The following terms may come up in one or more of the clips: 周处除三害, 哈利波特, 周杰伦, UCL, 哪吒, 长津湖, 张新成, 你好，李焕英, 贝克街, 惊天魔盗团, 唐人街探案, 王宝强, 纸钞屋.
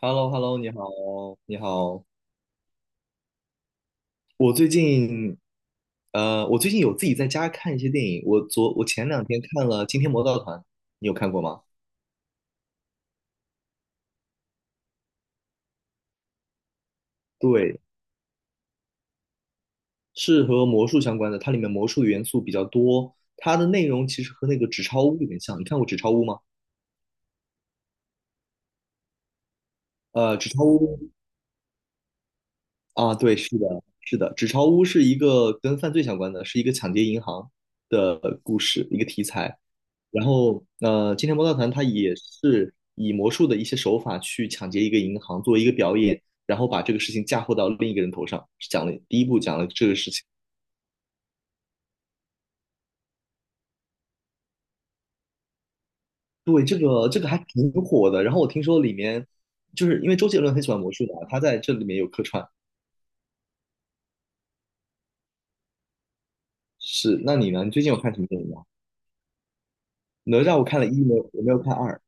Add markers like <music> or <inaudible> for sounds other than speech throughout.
h e l l o h e l l o 你好，你好。我最近，我最近有自己在家看一些电影。我前2天看了《惊天魔盗团》，你有看过吗？对，是和魔术相关的，它里面魔术元素比较多。它的内容其实和那个《纸钞屋》有点像。你看过《纸钞屋》吗？呃，《纸钞屋》啊，对，是的，是的，《纸钞屋》是一个跟犯罪相关的，是一个抢劫银行的故事，一个题材。然后，《今天魔盗团》它也是以魔术的一些手法去抢劫一个银行，作为一个表演，然后把这个事情嫁祸到另一个人头上。第一部讲了这个事情，对，这个还挺火的。然后我听说里面，就是因为周杰伦很喜欢魔术的，他在这里面有客串。是，那你呢？你最近有看什么电影吗？哪吒我看了一，没有，我没有看二。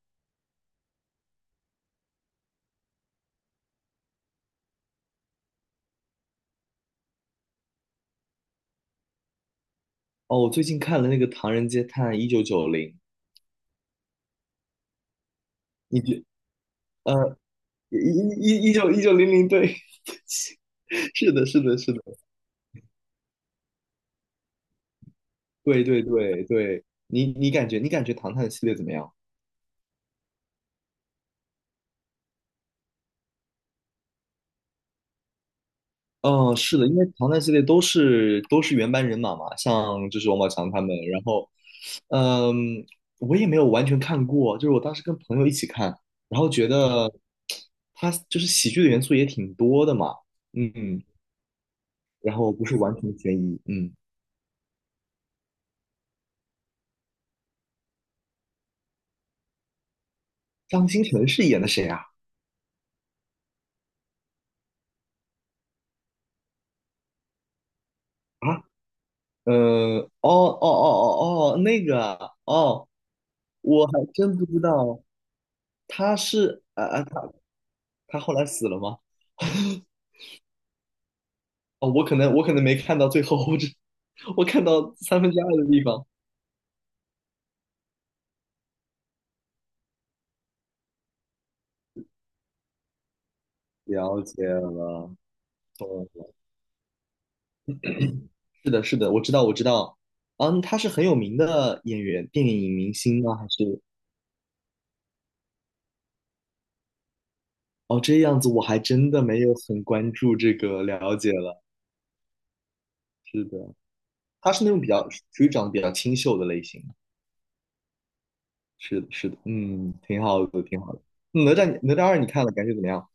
哦，我最近看了那个《唐人街探案1990》，你觉呃一九零零对，<laughs> 是的，是的，是的，对对对对，你感觉唐探系列怎么样？嗯、是的，因为唐探系列都是原班人马嘛，像就是王宝强他们，然后嗯，我也没有完全看过，就是我当时跟朋友一起看，然后觉得他就是喜剧的元素也挺多的嘛，嗯，然后不是完全悬疑，嗯。张新成是演的谁啊？啊，哦哦哦哦哦，那个啊哦，我还真不知道他是啊啊，他后来死了吗？哦，我可能没看到最后，我看到2/3的地方。了解了，懂了。是的，是的，我知道，我知道。嗯，他是很有名的演员、电影明星吗？还是哦这样子，我还真的没有很关注这个了解了。是的，他是那种比较属于长得比较清秀的类型。是的，是的，嗯，挺好的，挺好的。哪吒二你看了，感觉怎么样？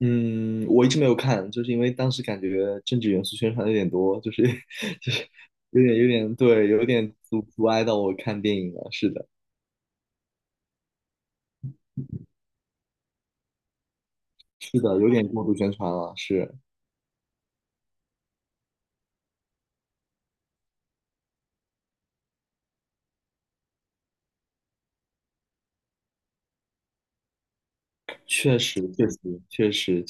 嗯，我一直没有看，就是因为当时感觉政治元素宣传有点多，就是 <laughs> 就是有点对，有点阻碍到我看电影了。是的，是的，有点过度宣传了。是，确实，确实，确实，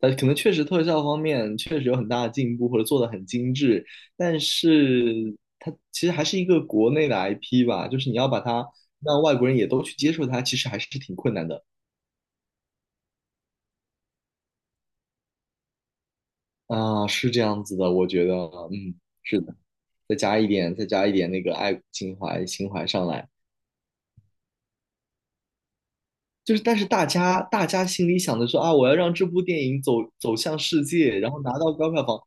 可能确实特效方面确实有很大的进步，或者做的很精致，但是它其实还是一个国内的 IP 吧，就是你要把它让外国人也都去接受它，其实还是挺困难的啊，是这样子的，我觉得，嗯，是的，再加一点那个爱国情怀上来，就是但是大家心里想的说啊，我要让这部电影走向世界，然后拿到高票房，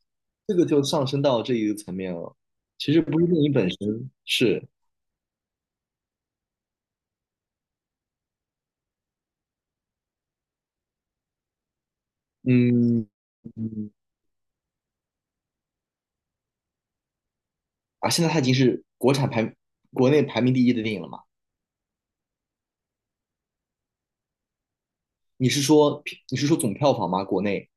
这个就上升到这一个层面了，其实不是电影本身，是。嗯嗯啊，现在它已经是国内排名第一的电影了嘛？你是说你是说总票房吗？国内，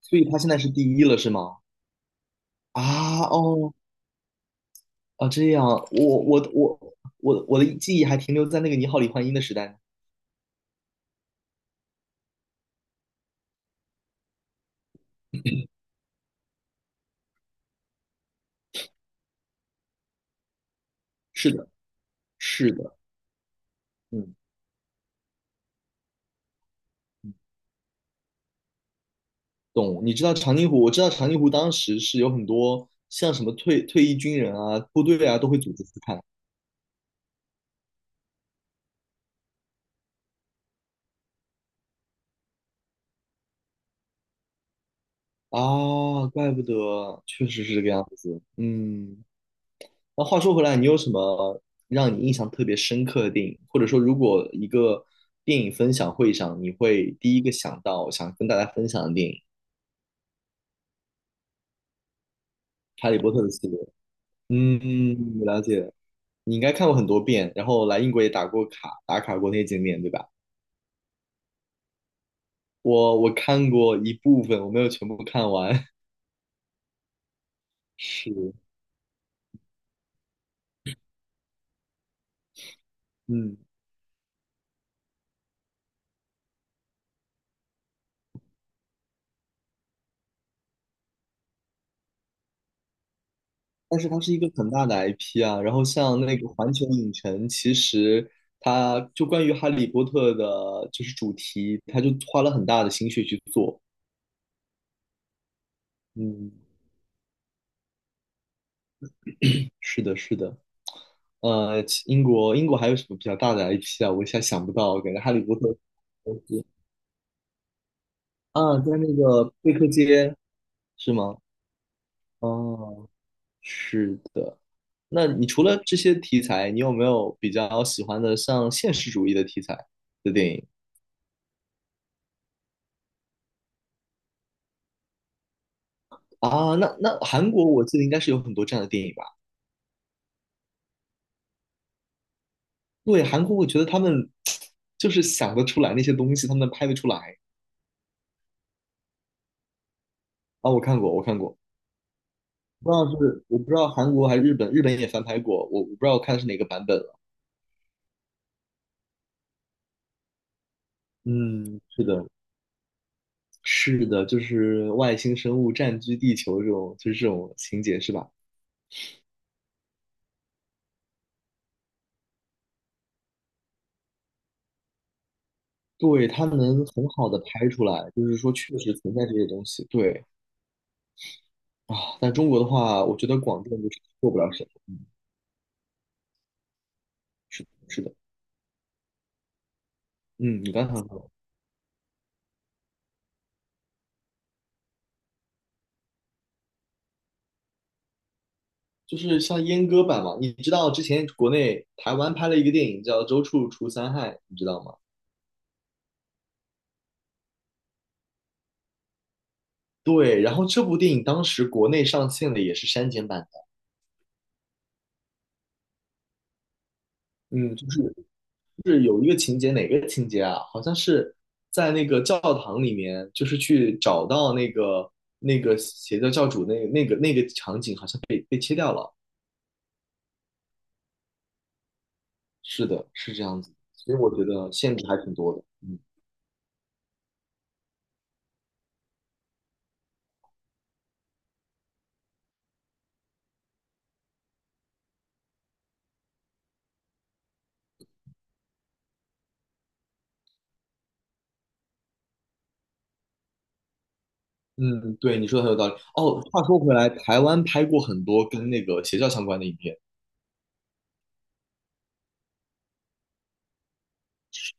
所以它现在是第一了是吗？啊哦啊，这样，我的记忆还停留在那个《你好，李焕英》的时代呢。是的，是的，嗯，懂。你知道长津湖？我知道长津湖当时是有很多像什么退役军人啊、部队啊都会组织去看啊，怪不得，确实是这个样子。嗯。那话说回来，你有什么让你印象特别深刻的电影？或者说，如果一个电影分享会上，你会第一个想到想跟大家分享的电影《哈利波特》的系列？嗯，我了解。你应该看过很多遍，然后来英国也打过卡，打卡过那些景点，对吧？我看过一部分，我没有全部看完。<laughs> 是，嗯，但是它是一个很大的 IP 啊，然后像那个环球影城，其实它就关于哈利波特的，就是主题，它就花了很大的心血去做。嗯，是的，是的。其英国英国还有什么比较大的 IP 啊？我一下想不到，感觉哈利波特呃啊，在那个贝克街是吗？哦，是的。那你除了这些题材，你有没有比较喜欢的像现实主义的题材的电影？啊，那韩国我记得应该是有很多这样的电影吧？对，韩国我觉得他们 <tsk> 就是想得出来那些东西，他们拍得出来啊。我看过，我看过，不知道是我不知道韩国还是日本，日本也翻拍过，我不知道我看的是哪个版本了。嗯，是的，是的，就是外星生物占据地球这种，就是这种情节是吧？对，它能很好的拍出来，就是说确实存在这些东西。对啊，但中国的话，我觉得广电就是做不了什么。是的是的，嗯，你刚才。就是像阉割版嘛。你知道之前国内台湾拍了一个电影叫《周处除三害》，你知道吗？对，然后这部电影当时国内上线的也是删减版的，嗯，就是就是有一个情节，哪个情节啊？好像是在那个教堂里面，就是去找到那个邪教教主那个场景，好像被切掉了。是的，是这样子，所以我觉得限制还挺多的，嗯。嗯，对，你说的很有道理。哦，话说回来，台湾拍过很多跟那个邪教相关的影片。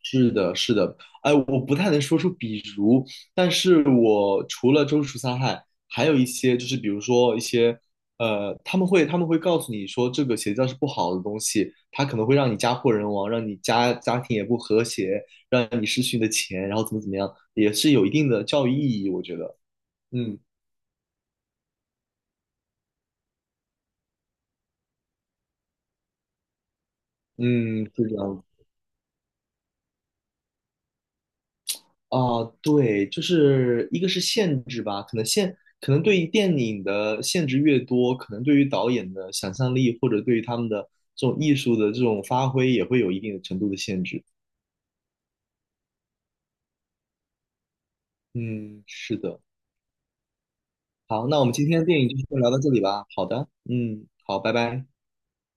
是的，是的。哎，我不太能说出比如，但是我除了《周处杀害》，还有一些就是比如说一些他们会告诉你说这个邪教是不好的东西，它可能会让你家破人亡，让你家庭也不和谐，让你失去你的钱，然后怎么怎么样，也是有一定的教育意义，我觉得。嗯嗯，是这样哦，对，就是一个是限制吧，可能对于电影的限制越多，可能对于导演的想象力或者对于他们的这种艺术的这种发挥也会有一定的程度的限制。嗯，是的。好，那我们今天的电影就先聊到这里吧。好的，嗯，好，拜拜。